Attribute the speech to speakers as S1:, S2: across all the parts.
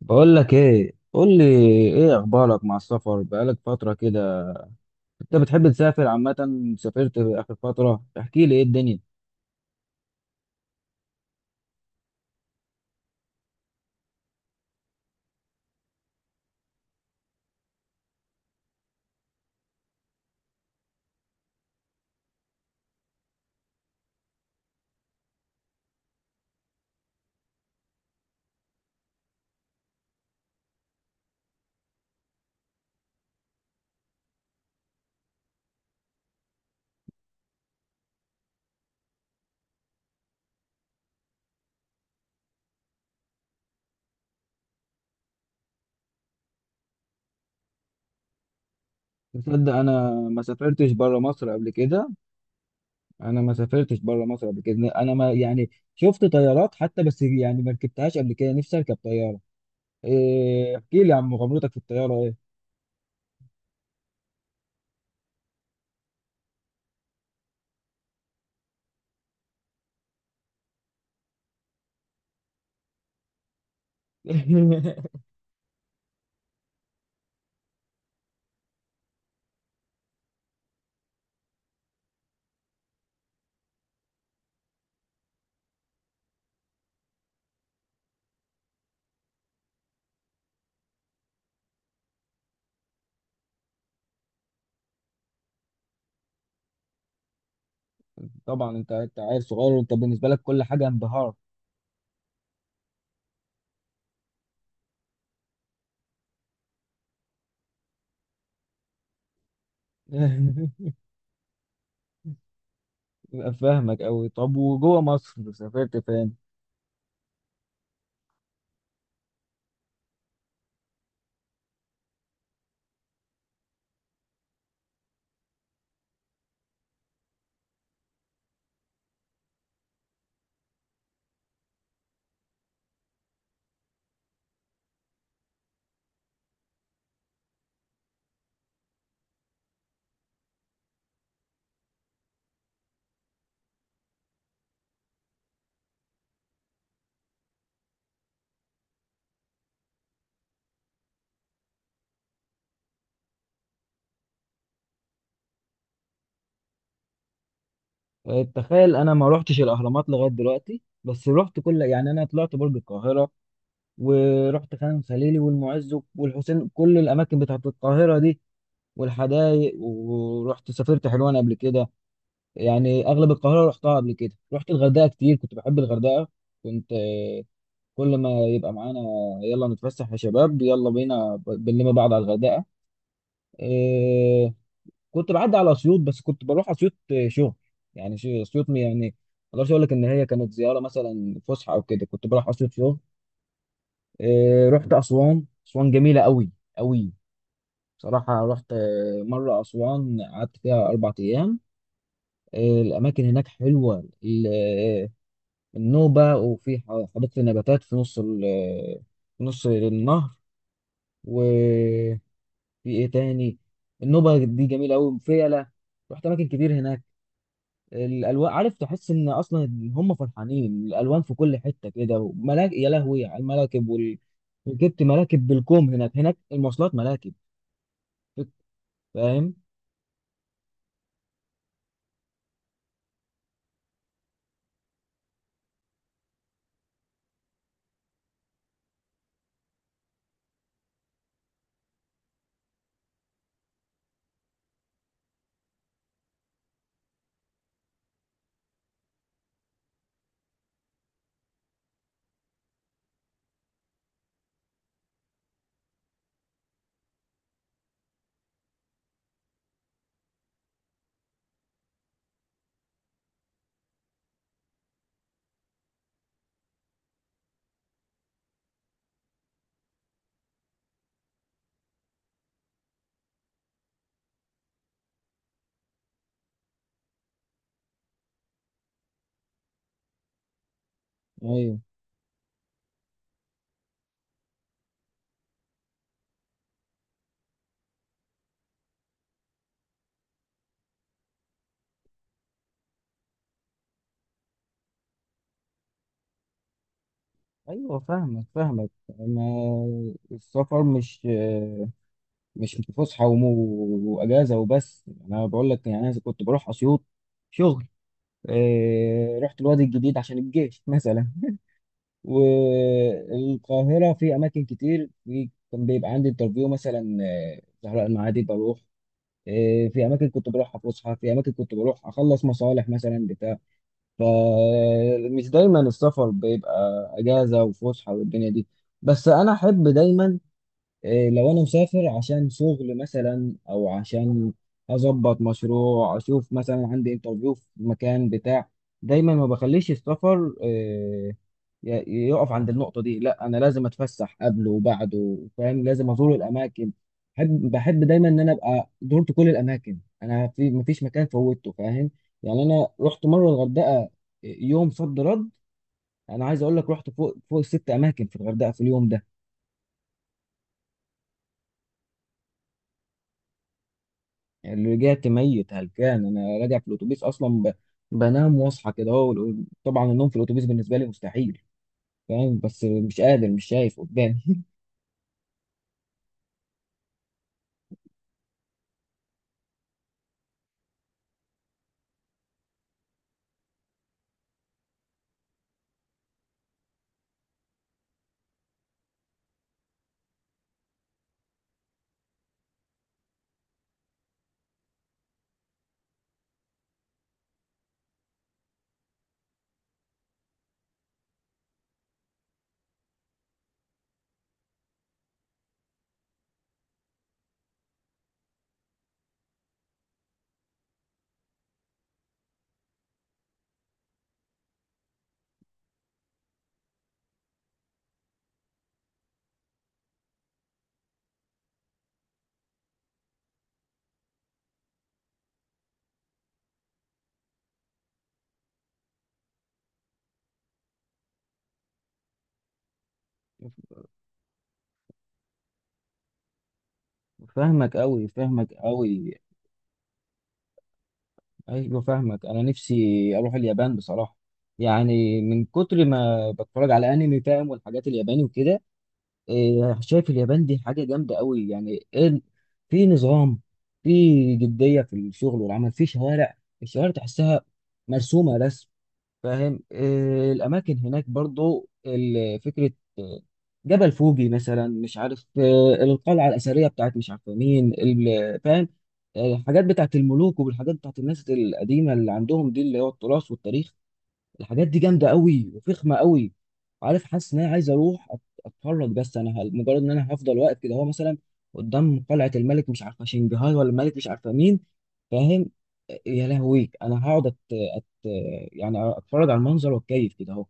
S1: بقول لك ايه قول لي ايه اخبارك مع السفر؟ بقالك فتره كده، انت بتحب تسافر عامه؟ سافرت اخر فتره؟ احكي لي ايه الدنيا. تصدق انا ما سافرتش بره مصر قبل كده. انا ما سافرتش بره مصر قبل كده انا ما يعني شفت طيارات حتى، بس يعني ما ركبتهاش قبل كده. نفسي اركب طياره. إيه، احكي لي عن مغامرتك في الطياره ايه؟ طبعا انت عيل صغير، وانت بالنسبه لك كل حاجه انبهار. فاهمك قوي. طب وجوه مصر سافرت فين؟ آه، تخيل، انا ما روحتش الاهرامات لغايه دلوقتي. بس روحت يعني انا طلعت برج القاهره، ورحت خان خليلي والمعز والحسين، كل الاماكن بتاعت القاهره دي والحدائق. ورحت سافرت حلوان قبل كده. يعني اغلب القاهره رحتها قبل كده. رحت الغردقه كتير، كنت بحب الغردقه. كنت كل ما يبقى معانا: يلا نتفسح يا شباب، يلا بينا بنلم بعض على الغردقه. آه، كنت بعدي على اسيوط، بس كنت بروح اسيوط شغل. يعني اسيوط يعني ما اقدرش اقول لك ان هي كانت زياره مثلا فسحه او كده، كنت بروح اسيوط شغل. آه، رحت اسوان. اسوان جميله قوي قوي. بصراحه رحت مره اسوان، قعدت فيها اربع ايام. آه، الاماكن هناك حلوه. النوبه، وفي حديقه النباتات في نص في نص النهر. وفي ايه تاني؟ النوبه دي جميله قوي، وفيله. رحت اماكن كتير هناك. الالوان، عارف، تحس ان اصلا إن هم فرحانين. الالوان في كل حته كده، وملاك، يا لهوي على الملاكب. جبت ملاكب بالكوم هناك. هناك المواصلات ملاكب، فاهم؟ ايوه، ايوه فاهمك، فاهمك. انا السفر مش فسحه واجازه وبس. انا بقول لك، يعني انا كنت بروح اسيوط شغل. إيه... رحت الوادي الجديد عشان الجيش مثلا. والقاهرة في أماكن كتير، في كان بيبقى عندي انترفيو مثلا آه، زهراء المعادي بروح. آه، في أماكن كنت بروح فسحة، في أماكن كنت بروح أخلص مصالح مثلا بتاع. فمش دايما السفر بيبقى أجازة وفسحة والدنيا دي. بس أنا أحب دايما، إيه، لو انا مسافر عشان شغل مثلا، او عشان اظبط مشروع، اشوف مثلا عندي انترفيو في مكان بتاع، دايما ما بخليش السفر يقف عند النقطة دي. لا، انا لازم اتفسح قبله وبعده، فاهم؟ لازم ازور الاماكن. بحب، بحب دايما ان انا ابقى زرت كل الاماكن. انا في مفيش مكان فوتته، فاهم؟ يعني انا رحت مرة الغردقة إيه، يوم صد رد. انا عايز اقول لك، رحت فوق فوق ست اماكن في الغردقة في اليوم ده. اللي رجعت ميت هلكان. انا راجع في الاتوبيس اصلا بنام واصحى كده اهو، طبعا النوم في الاتوبيس بالنسبه لي مستحيل، فاهم؟ بس مش قادر، مش شايف قدامي. فاهمك قوي، فاهمك قوي. ايوه فاهمك. انا نفسي اروح اليابان بصراحه. يعني من كتر ما بتفرج على انمي، فاهم، والحاجات الياباني وكده. إيه، شايف اليابان دي حاجه جامده قوي، يعني إيه. في نظام، في جديه في الشغل والعمل، في شوارع، الشوارع تحسها مرسومه رسم، فاهم؟ آه، الاماكن هناك برضو فكره. آه، جبل فوجي مثلا، مش عارف، آه، القلعه الاثريه بتاعت مش عارف مين، فاهم. آه، الحاجات بتاعت الملوك، والحاجات بتاعت الناس القديمه اللي عندهم، دي اللي هو التراث والتاريخ. الحاجات دي جامده قوي وفخمه قوي. عارف، حاسس ان انا عايز اروح اتفرج. بس انا مجرد ان انا هفضل واقف كده، هو مثلا قدام قلعه الملك مش عارفه شنجهار، ولا الملك مش عارفه مين، فاهم. يا لهوي، انا هقعد أت... يعني اتفرج على المنظر واتكيف كده اهو.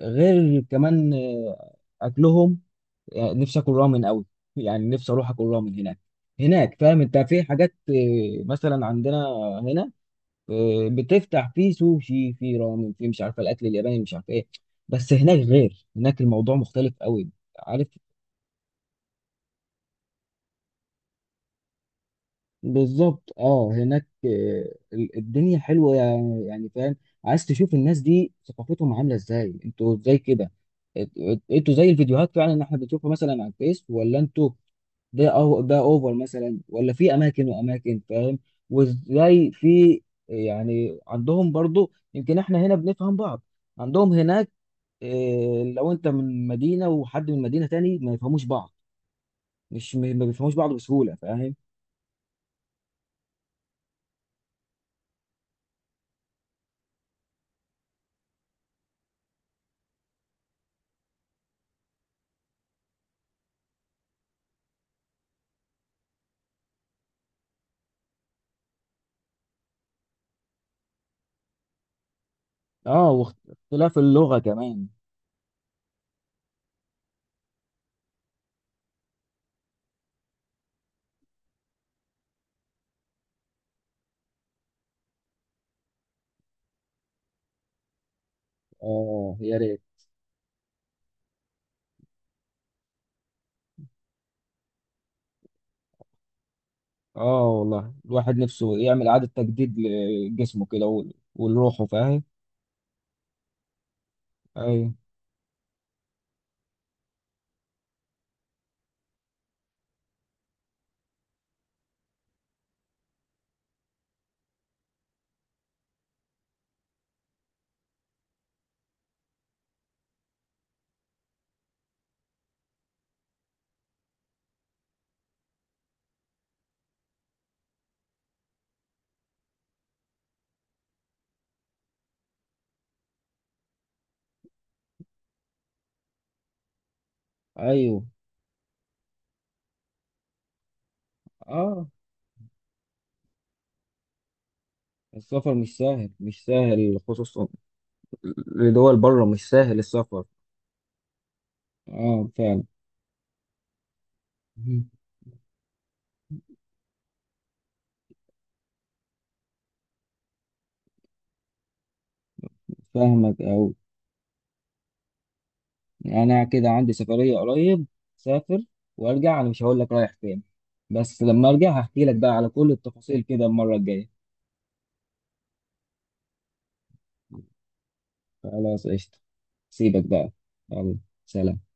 S1: غير كمان آه، اكلهم. يعني نفسي اكل رامن قوي. يعني نفسي اروح اكل رامن هناك. هناك، فاهم، انت في حاجات، آه، مثلا عندنا هنا، آه، بتفتح فيه سوشي، فيه رامن، فيه مش عارفه الاكل الياباني مش عارفه ايه. بس هناك غير، هناك الموضوع مختلف قوي. عارف، بالظبط. اه، هناك آه، الدنيا حلوه، يعني، يعني فاهم. عايز تشوف الناس دي ثقافتهم عامله ازاي. انتوا ازاي كده؟ انتوا زي الفيديوهات فعلا اللي احنا بنشوفها مثلا على الفيس؟ ولا انتوا ده، أو ده اوفر مثلا، ولا في اماكن واماكن، فاهم؟ وازاي في، يعني، عندهم برضو، يمكن احنا هنا بنفهم بعض، عندهم هناك إيه، لو انت من مدينة وحد من مدينة تاني ما يفهموش بعض؟ مش م- ما بيفهموش بعض بسهولة، فاهم؟ اه، واختلاف اللغة كمان. اه، يا ريت. اه والله، الواحد نفسه يعمل إعادة تجديد لجسمه كده ولروحه، فاهم. ايوه، ايوه، اه. السفر مش سهل، مش سهل، خصوصا لدول بره، مش سهل السفر. اه فعلا. مم. فاهمك أوي. أنا كده عندي سفرية قريب، سافر وأرجع. أنا مش هقول لك رايح فين، بس لما أرجع هحكي لك بقى على كل التفاصيل كده المرة الجاية. خلاص، قشطة، سيبك بقى، يلا. سلام.